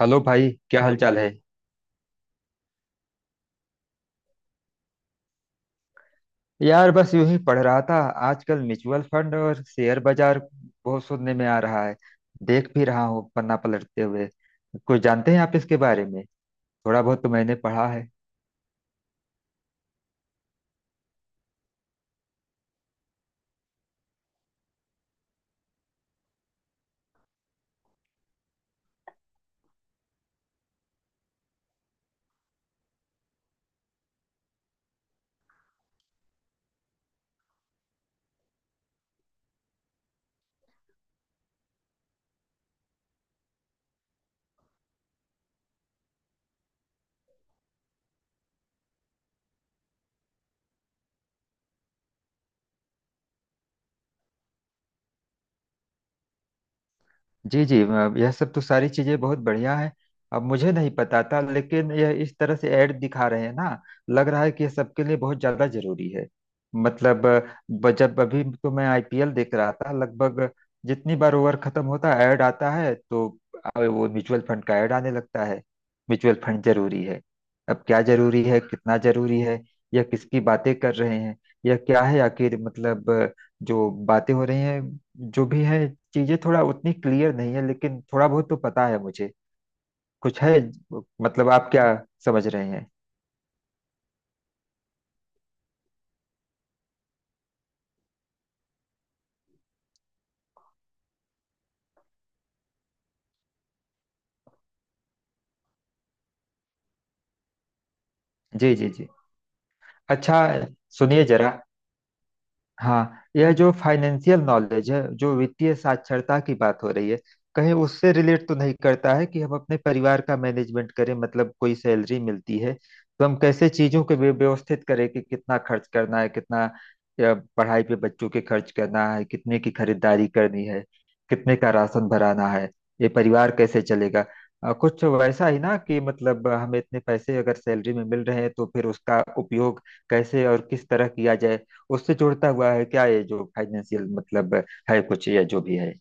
Hello भाई, क्या हाल चाल है? यार बस यूं ही पढ़ रहा था। आजकल म्यूचुअल फंड और शेयर बाजार बहुत सुनने में आ रहा है। देख भी रहा हूँ पन्ना पलटते हुए। कुछ जानते हैं आप इसके बारे में? थोड़ा बहुत तो मैंने पढ़ा है। जी जी, यह सब तो सारी चीजें बहुत बढ़िया है। अब मुझे नहीं पता था, लेकिन यह इस तरह से ऐड दिखा रहे हैं ना, लग रहा है कि यह सबके लिए बहुत ज्यादा जरूरी है। मतलब जब अभी तो मैं IPL देख रहा था। लगभग जितनी बार ओवर खत्म होता है ऐड आता है, तो वो म्यूचुअल फंड का ऐड आने लगता है। म्यूचुअल फंड जरूरी है। अब क्या जरूरी है, कितना जरूरी है, यह किसकी बातें कर रहे हैं, यह क्या है आखिर? मतलब जो बातें हो रही हैं, जो भी है, चीजें थोड़ा उतनी क्लियर नहीं है, लेकिन थोड़ा बहुत तो पता है मुझे कुछ है। मतलब आप क्या समझ रहे हैं? जी जी जी। अच्छा, सुनिए जरा। हाँ, यह जो फाइनेंशियल नॉलेज है, जो वित्तीय साक्षरता की बात हो रही है, कहीं उससे रिलेट तो नहीं करता है कि हम अपने परिवार का मैनेजमेंट करें? मतलब कोई सैलरी मिलती है, तो हम कैसे चीजों को व्यवस्थित करें कि कितना खर्च करना है, कितना पढ़ाई पे बच्चों के खर्च करना है, कितने की खरीदारी करनी है, कितने का राशन भराना है, ये परिवार कैसे चलेगा। कुछ वैसा ही ना, कि मतलब हमें इतने पैसे अगर सैलरी में मिल रहे हैं तो फिर उसका उपयोग कैसे और किस तरह किया जाए। उससे जुड़ता हुआ है क्या ये जो फाइनेंशियल, मतलब है कुछ या जो भी है।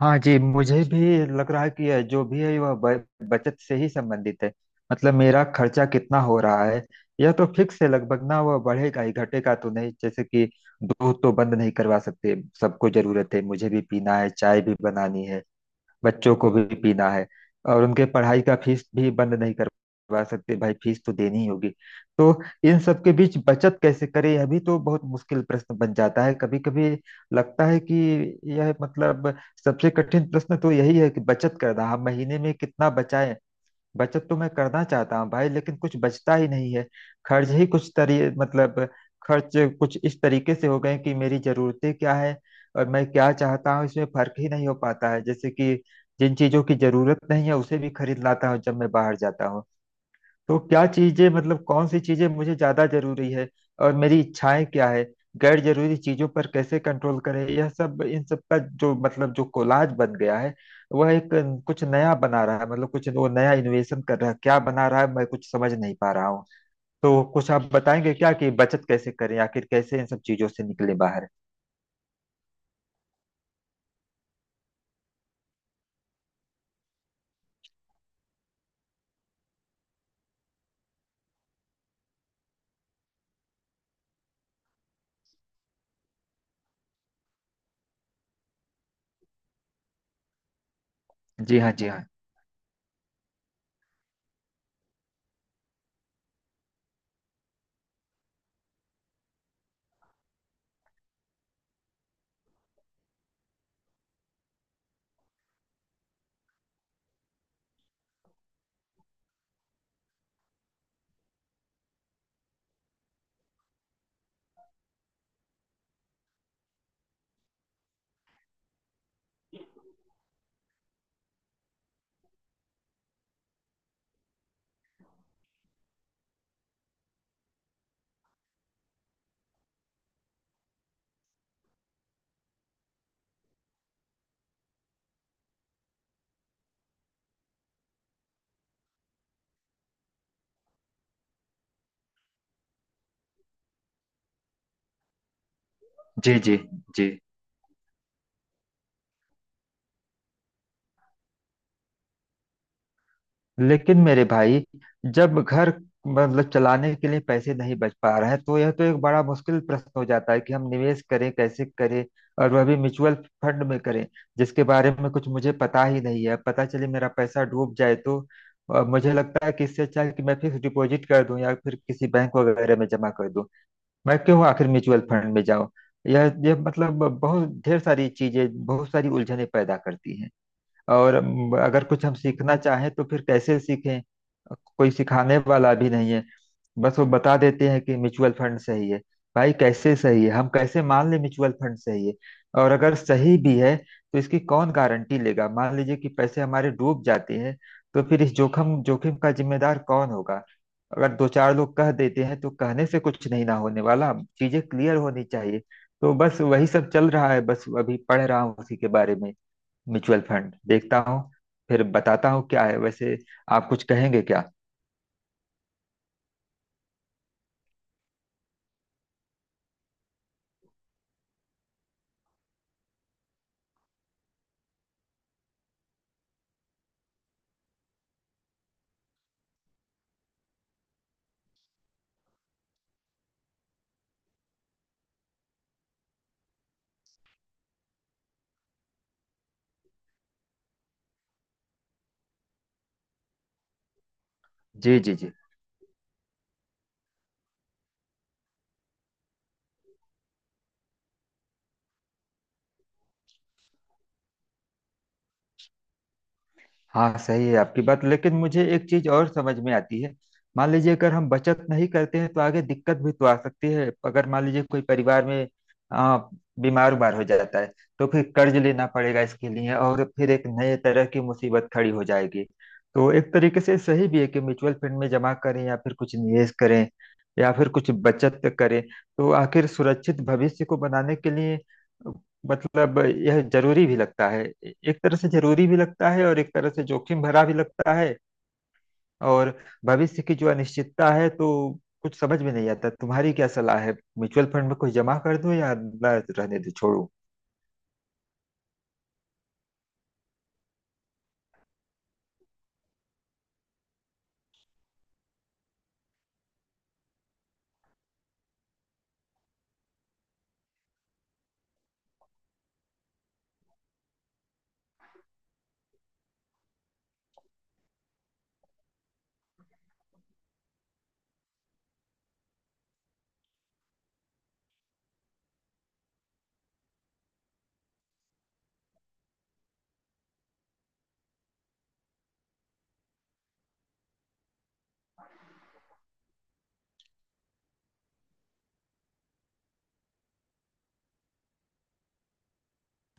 हाँ जी, मुझे भी लग रहा है कि यह जो भी है वह बचत से ही संबंधित है। मतलब मेरा खर्चा कितना हो रहा है, यह तो फिक्स है लगभग ना, वह बढ़ेगा ही, घटेगा तो नहीं। जैसे कि दूध तो बंद नहीं करवा सकते, सबको जरूरत है, मुझे भी पीना है, चाय भी बनानी है, बच्चों को भी पीना है। और उनके पढ़ाई का फीस भी बंद नहीं करवा सकते भाई, फीस तो देनी ही होगी। तो इन सब के बीच बचत कैसे करें, यह भी तो बहुत मुश्किल प्रश्न बन जाता है। कभी कभी लगता है कि यह मतलब सबसे कठिन प्रश्न तो यही है कि बचत करना, हम महीने में कितना बचाएं। बचत तो मैं करना चाहता हूँ भाई, लेकिन कुछ बचता ही नहीं है। खर्च ही कुछ तरी, मतलब खर्च कुछ इस तरीके से हो गए कि मेरी जरूरतें क्या है और मैं क्या चाहता हूँ इसमें फर्क ही नहीं हो पाता है। जैसे कि जिन चीजों की जरूरत नहीं है उसे भी खरीद लाता हूँ जब मैं बाहर जाता हूँ। तो क्या चीजें, मतलब कौन सी चीजें मुझे ज्यादा जरूरी है और मेरी इच्छाएं क्या है, गैर जरूरी चीजों पर कैसे कंट्रोल करें, यह सब, इन सब का जो मतलब जो कोलाज बन गया है, वह एक कुछ नया बना रहा है। मतलब कुछ वो नया इनोवेशन कर रहा है, क्या बना रहा है, मैं कुछ समझ नहीं पा रहा हूँ। तो कुछ आप बताएंगे क्या कि बचत कैसे करें आखिर, कैसे इन सब चीजों से निकले बाहर? जी हाँ जी हाँ। जी जी जी। लेकिन मेरे भाई, जब घर मतलब चलाने के लिए पैसे नहीं बच पा रहे हैं, तो यह तो एक बड़ा मुश्किल प्रश्न हो जाता है कि हम निवेश करें, कैसे करें, और वह भी म्यूचुअल फंड में करें, जिसके बारे में कुछ मुझे पता ही नहीं है। पता चले मेरा पैसा डूब जाए तो मुझे लगता है कि इससे अच्छा है कि मैं फिक्स डिपॉजिट कर दूं या फिर किसी बैंक वगैरह में जमा कर दूं। मैं क्यों आखिर म्यूचुअल फंड में जाऊं? यह मतलब बहुत ढेर सारी चीजें, बहुत सारी उलझनें पैदा करती है। और अगर कुछ हम सीखना चाहें तो फिर कैसे सीखें? कोई सिखाने वाला भी नहीं है। बस वो बता देते हैं कि म्यूचुअल फंड सही है। भाई, कैसे सही है, हम कैसे मान लें म्यूचुअल फंड सही है? और अगर सही भी है तो इसकी कौन गारंटी लेगा? मान लीजिए कि पैसे हमारे डूब जाते हैं, तो फिर इस जोखिम जोखिम का जिम्मेदार कौन होगा? अगर दो चार लोग कह देते हैं, तो कहने से कुछ नहीं ना होने वाला। चीजें क्लियर होनी चाहिए। तो बस वही सब चल रहा है, बस अभी पढ़ रहा हूँ उसी के बारे में। म्यूचुअल फंड देखता हूँ, फिर बताता हूँ क्या है। वैसे आप कुछ कहेंगे क्या? जी जी जी। हाँ, सही है आपकी बात, लेकिन मुझे एक चीज और समझ में आती है। मान लीजिए अगर हम बचत नहीं करते हैं तो आगे दिक्कत भी तो आ सकती है। अगर मान लीजिए कोई परिवार में आ, बीमार उमार हो जाता है तो फिर कर्ज लेना पड़ेगा इसके लिए, और फिर एक नए तरह की मुसीबत खड़ी हो जाएगी। तो एक तरीके से सही भी है कि म्यूचुअल फंड में जमा करें या फिर कुछ निवेश करें या फिर कुछ बचत करें। तो आखिर सुरक्षित भविष्य को बनाने के लिए मतलब यह जरूरी भी लगता है, एक तरह से जरूरी भी लगता है, और एक तरह से जोखिम भरा भी लगता है। और भविष्य की जो अनिश्चितता है, तो कुछ समझ में नहीं आता। तुम्हारी क्या सलाह है, म्यूचुअल फंड में कुछ जमा कर दूं या ना, रहने दूं, छोड़ूं?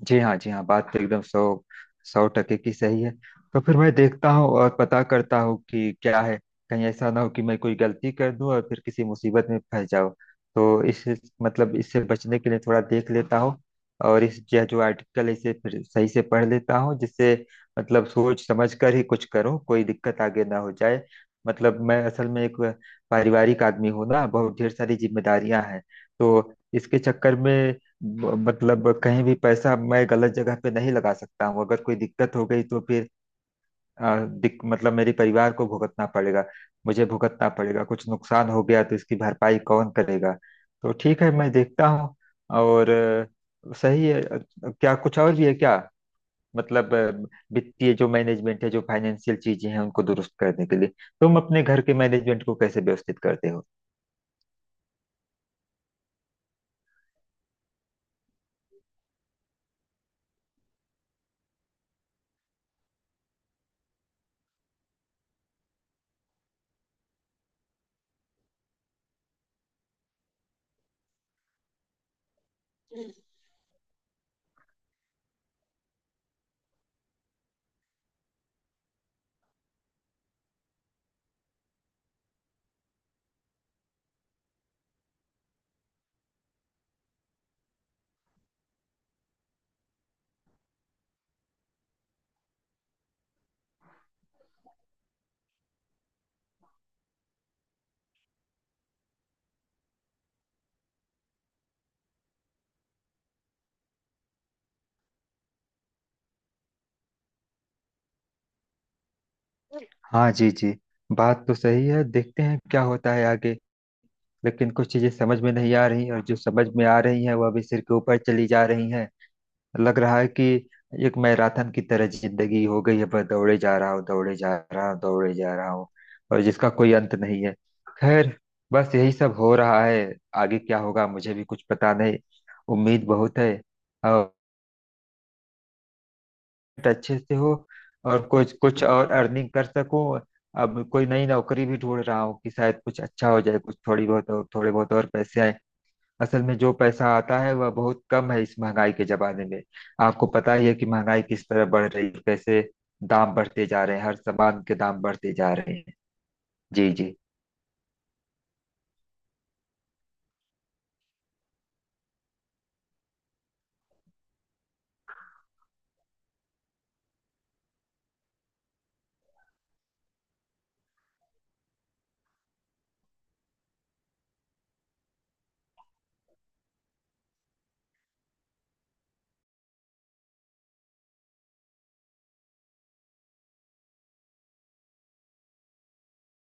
जी हाँ जी हाँ। बात तो एकदम सौ सौ टके की सही है। तो फिर मैं देखता हूँ और पता करता हूँ कि क्या है। कहीं ऐसा ना हो कि मैं कोई गलती कर दूँ और फिर किसी मुसीबत में फंस जाऊँ। तो इस, मतलब इससे बचने के लिए थोड़ा देख लेता हूँ। और इस यह जो आर्टिकल है इसे फिर सही से पढ़ लेता हूँ, जिससे मतलब सोच समझ कर ही कुछ करूँ, कोई दिक्कत आगे ना हो जाए। मतलब मैं असल में एक पारिवारिक आदमी हूँ ना, बहुत ढेर सारी जिम्मेदारियां हैं। तो इसके चक्कर में मतलब कहीं भी पैसा मैं गलत जगह पे नहीं लगा सकता हूँ। अगर कोई दिक्कत हो गई तो फिर मतलब मेरे परिवार को भुगतना पड़ेगा, मुझे भुगतना पड़ेगा। कुछ नुकसान हो गया तो इसकी भरपाई कौन करेगा? तो ठीक है, मैं देखता हूँ। और सही है। क्या कुछ और भी है क्या? मतलब वित्तीय जो मैनेजमेंट है, जो फाइनेंशियल चीजें हैं, उनको दुरुस्त करने के लिए तुम अपने घर के मैनेजमेंट को कैसे व्यवस्थित करते हो? हाँ जी जी, बात तो सही है। देखते हैं क्या होता है आगे। लेकिन कुछ चीजें समझ में नहीं आ रही, और जो समझ में आ रही हैं वह भी सिर के ऊपर चली जा रही हैं। लग रहा है कि एक मैराथन की तरह जिंदगी हो गई है, बस दौड़े जा रहा हूँ, दौड़े जा रहा हूँ, दौड़े जा रहा हूँ, और जिसका कोई अंत नहीं है। खैर, बस यही सब हो रहा है। आगे क्या होगा मुझे भी कुछ पता नहीं। उम्मीद बहुत है, और अच्छे से हो, और कुछ कुछ और अर्निंग कर सकूं। अब कोई नई नौकरी भी ढूंढ रहा हूँ कि शायद कुछ अच्छा हो जाए, कुछ थोड़ी बहुत और, थोड़े बहुत और पैसे आए। असल में जो पैसा आता है वह बहुत कम है इस महंगाई के जमाने में। आपको पता ही है कि महंगाई किस तरह बढ़ रही है, कैसे दाम बढ़ते जा रहे हैं, हर सामान के दाम बढ़ते जा रहे हैं। जी जी।